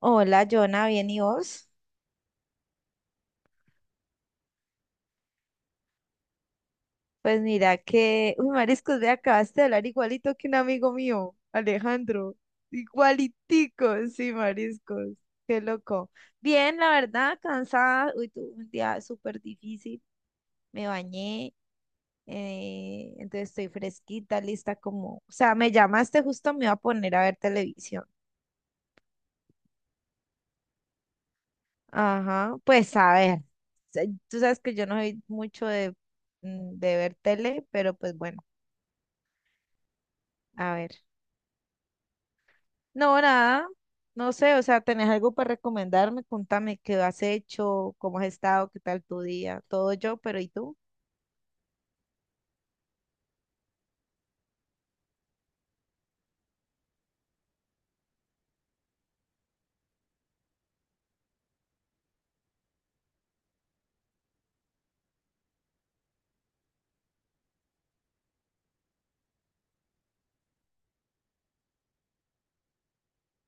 Hola, Jonah, ¿bien y vos? Pues mira que, uy, mariscos, ve, acabaste de hablar igualito que un amigo mío, Alejandro. Igualitico, sí, mariscos. Qué loco. Bien, la verdad, cansada. Uy, tuve un día súper difícil. Me bañé, entonces estoy fresquita, lista como... O sea, me llamaste justo, me iba a poner a ver televisión. Ajá, pues a ver. Tú sabes que yo no soy mucho de ver tele, pero pues bueno, a ver. No, nada, no sé, o sea, ¿tenés algo para recomendarme? Contame qué has hecho, cómo has estado, qué tal tu día, todo yo, pero ¿y tú?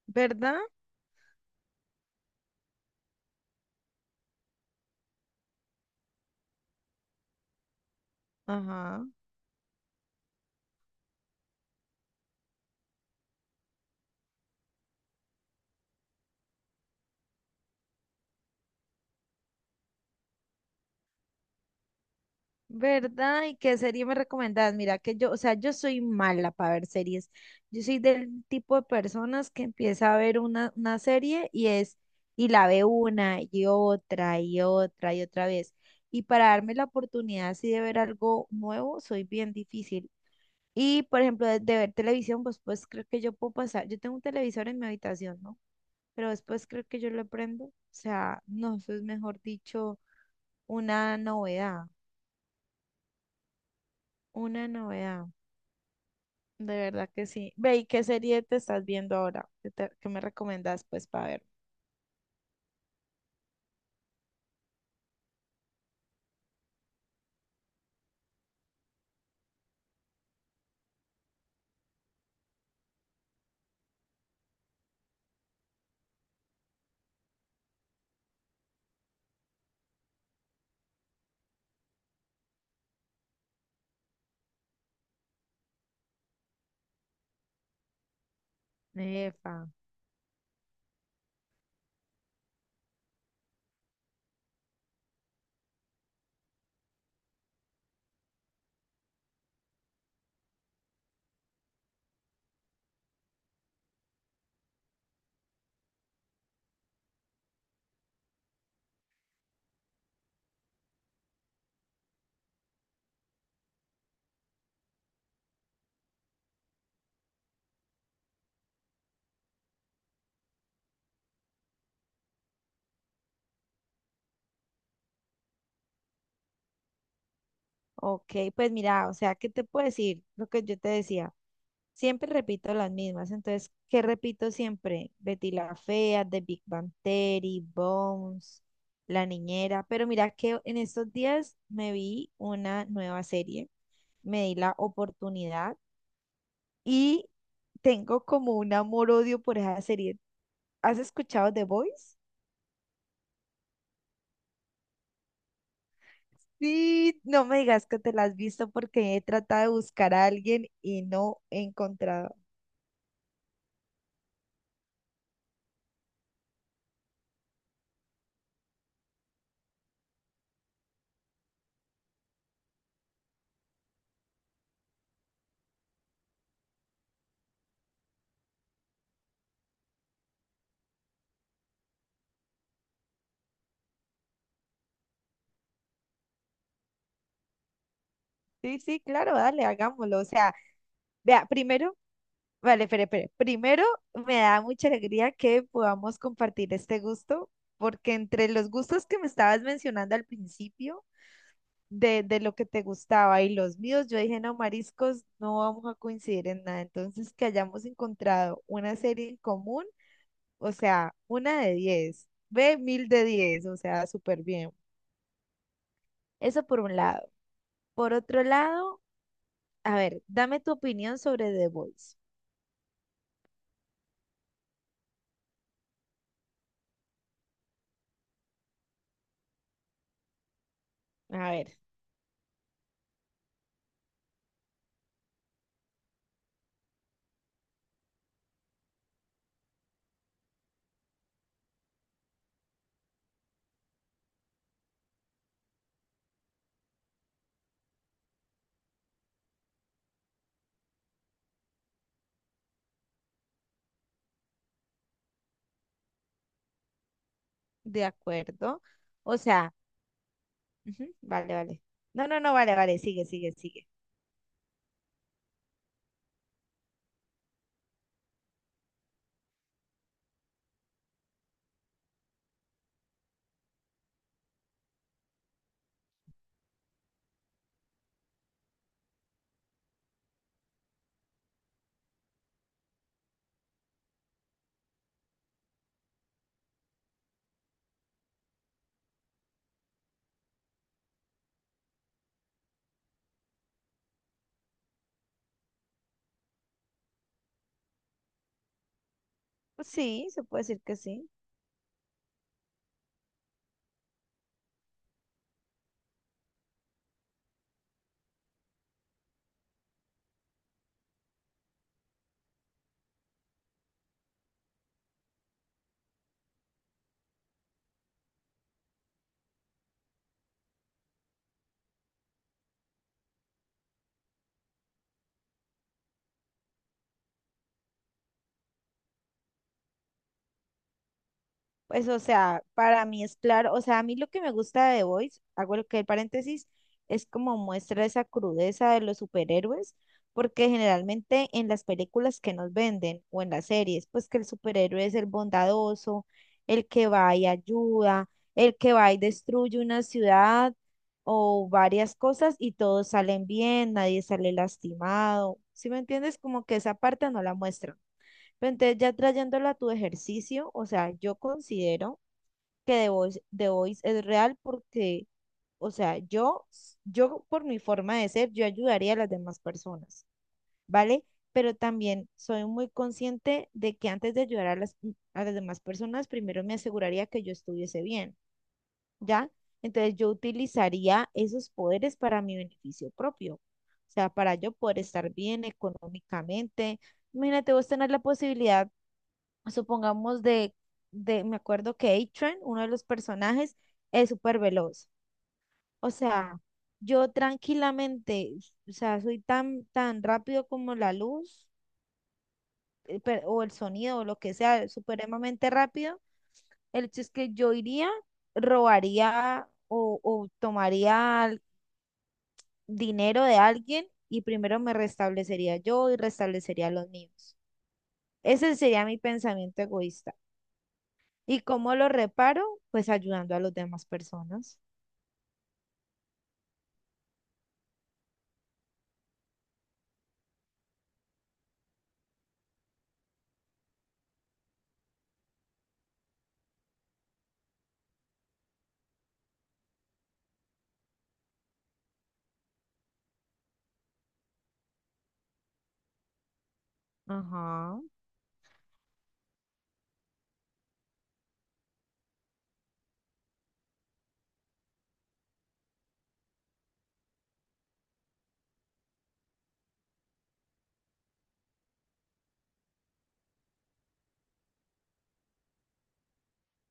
¿Verdad? Ajá. ¿Verdad? ¿Y qué serie me recomendás? Mira que yo, o sea, yo soy mala para ver series. Yo soy del tipo de personas que empieza a ver una serie y es, y la ve una y otra y otra y otra vez. Y para darme la oportunidad así de ver algo nuevo, soy bien difícil. Y, por ejemplo, de ver televisión, pues creo que yo puedo pasar. Yo tengo un televisor en mi habitación, ¿no? Pero después creo que yo lo prendo. O sea, no, eso es mejor dicho, una novedad. Una novedad. De verdad que sí. Ve, ¿y qué serie te estás viendo ahora? ¿Qué me recomiendas, pues, para ver? Efa. Ok, pues mira, o sea, ¿qué te puedo decir? Lo que yo te decía. Siempre repito las mismas. Entonces, ¿qué repito siempre? Betty la Fea, The Big Bang Theory, Bones, La Niñera. Pero mira que en estos días me vi una nueva serie, me di la oportunidad y tengo como un amor-odio por esa serie. ¿Has escuchado The Voice? Sí, no me digas que te la has visto porque he tratado de buscar a alguien y no he encontrado. Sí, sí, claro, dale, hagámoslo. O sea, vea, primero. Vale, espere, espere. Primero, me da mucha alegría que podamos compartir este gusto, porque entre los gustos que me estabas mencionando al principio, de lo que te gustaba y los míos, yo dije, no, mariscos, no vamos a coincidir en nada. Entonces, que hayamos encontrado una serie en común, o sea, una de 10 ve, mil de diez, o sea, súper bien. Eso por un lado. Por otro lado, a ver, dame tu opinión sobre The Voice. A ver, de acuerdo. O sea, ujú, vale, vale. No, no, no, vale, vale, sigue, sigue, sigue. Pues sí, se puede decir que sí. Pues, o sea, para mí es claro, o sea, a mí lo que me gusta de The Voice, hago lo que el paréntesis, es como muestra esa crudeza de los superhéroes, porque generalmente en las películas que nos venden o en las series, pues que el superhéroe es el bondadoso, el que va y ayuda, el que va y destruye una ciudad o varias cosas y todos salen bien, nadie sale lastimado. ¿Sí me entiendes? Como que esa parte no la muestran. Pero entonces ya trayéndola a tu ejercicio, o sea, yo considero que The Voice es real porque, o sea, yo por mi forma de ser, yo ayudaría a las demás personas, ¿vale? Pero también soy muy consciente de que antes de ayudar a las, demás personas, primero me aseguraría que yo estuviese bien, ¿ya? Entonces yo utilizaría esos poderes para mi beneficio propio, o sea, para yo poder estar bien económicamente. Imagínate vos tener la posibilidad supongamos me acuerdo que A-Train, uno de los personajes, es súper veloz. O sea, yo tranquilamente, o sea, soy tan, tan rápido como la luz o el sonido o lo que sea, supremamente rápido. El hecho es que yo iría, robaría o tomaría dinero de alguien y primero me restablecería yo y restablecería a los míos. Ese sería mi pensamiento egoísta. ¿Y cómo lo reparo? Pues ayudando a las demás personas. Ajá,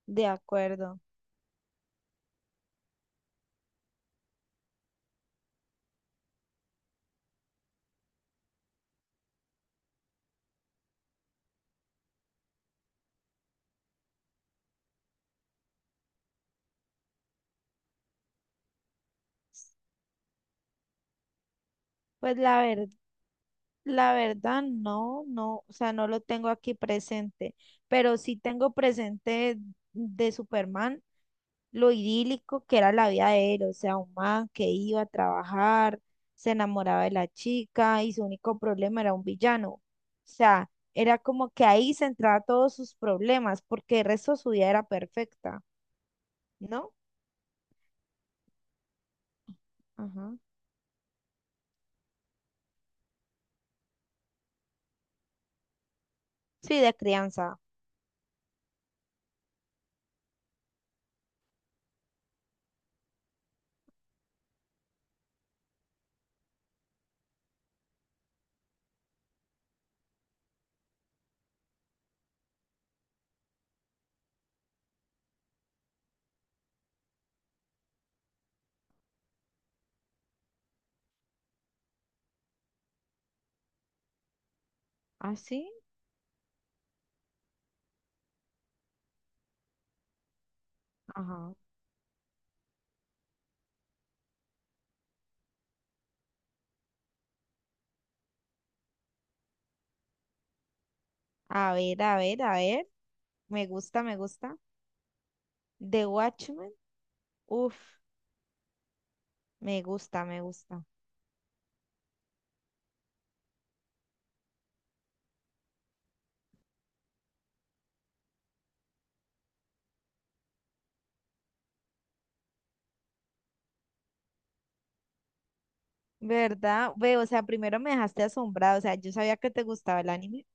de acuerdo. Pues la verdad no, no, o sea, no lo tengo aquí presente, pero sí tengo presente de Superman lo idílico que era la vida de él, o sea, un man que iba a trabajar, se enamoraba de la chica y su único problema era un villano. O sea, era como que ahí centraba todos sus problemas, porque el resto de su vida era perfecta, ¿no? Ajá. Sí, de crianza. ¿Ah, sí? Ajá. A ver, a ver, a ver. Me gusta, me gusta. The Watchmen. Uf, me gusta, me gusta. ¿Verdad? Ve, o sea, primero me dejaste asombrado. O sea, yo sabía que te gustaba el anime,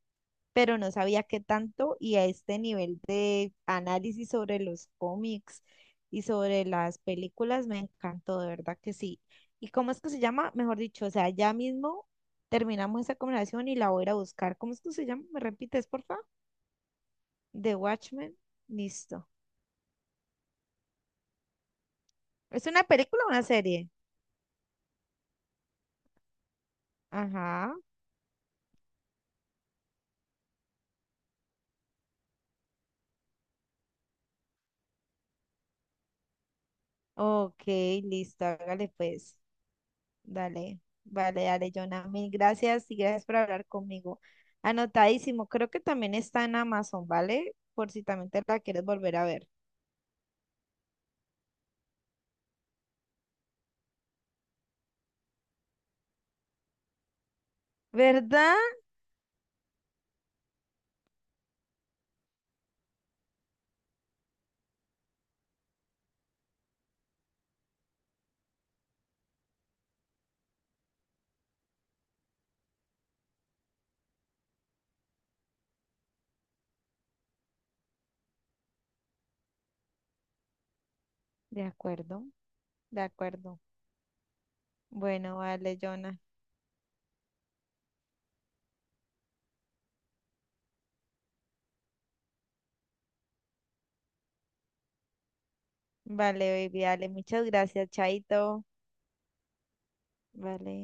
pero no sabía qué tanto, y a este nivel de análisis sobre los cómics y sobre las películas me encantó, de verdad que sí. ¿Y cómo es que se llama? Mejor dicho, o sea, ya mismo terminamos esa conversación y la voy a ir a buscar. ¿Cómo es que se llama? ¿Me repites, por favor? The Watchmen, listo. ¿Es una película o una serie? Ajá. Ok, listo, hágale pues. Dale, vale, dale, Jonah. Mil gracias y gracias por hablar conmigo. Anotadísimo, creo que también está en Amazon, ¿vale? Por si también te la quieres volver a ver. ¿Verdad? De acuerdo, de acuerdo. Bueno, vale, Jonah. Vale, baby, dale, muchas gracias, Chaito. Vale.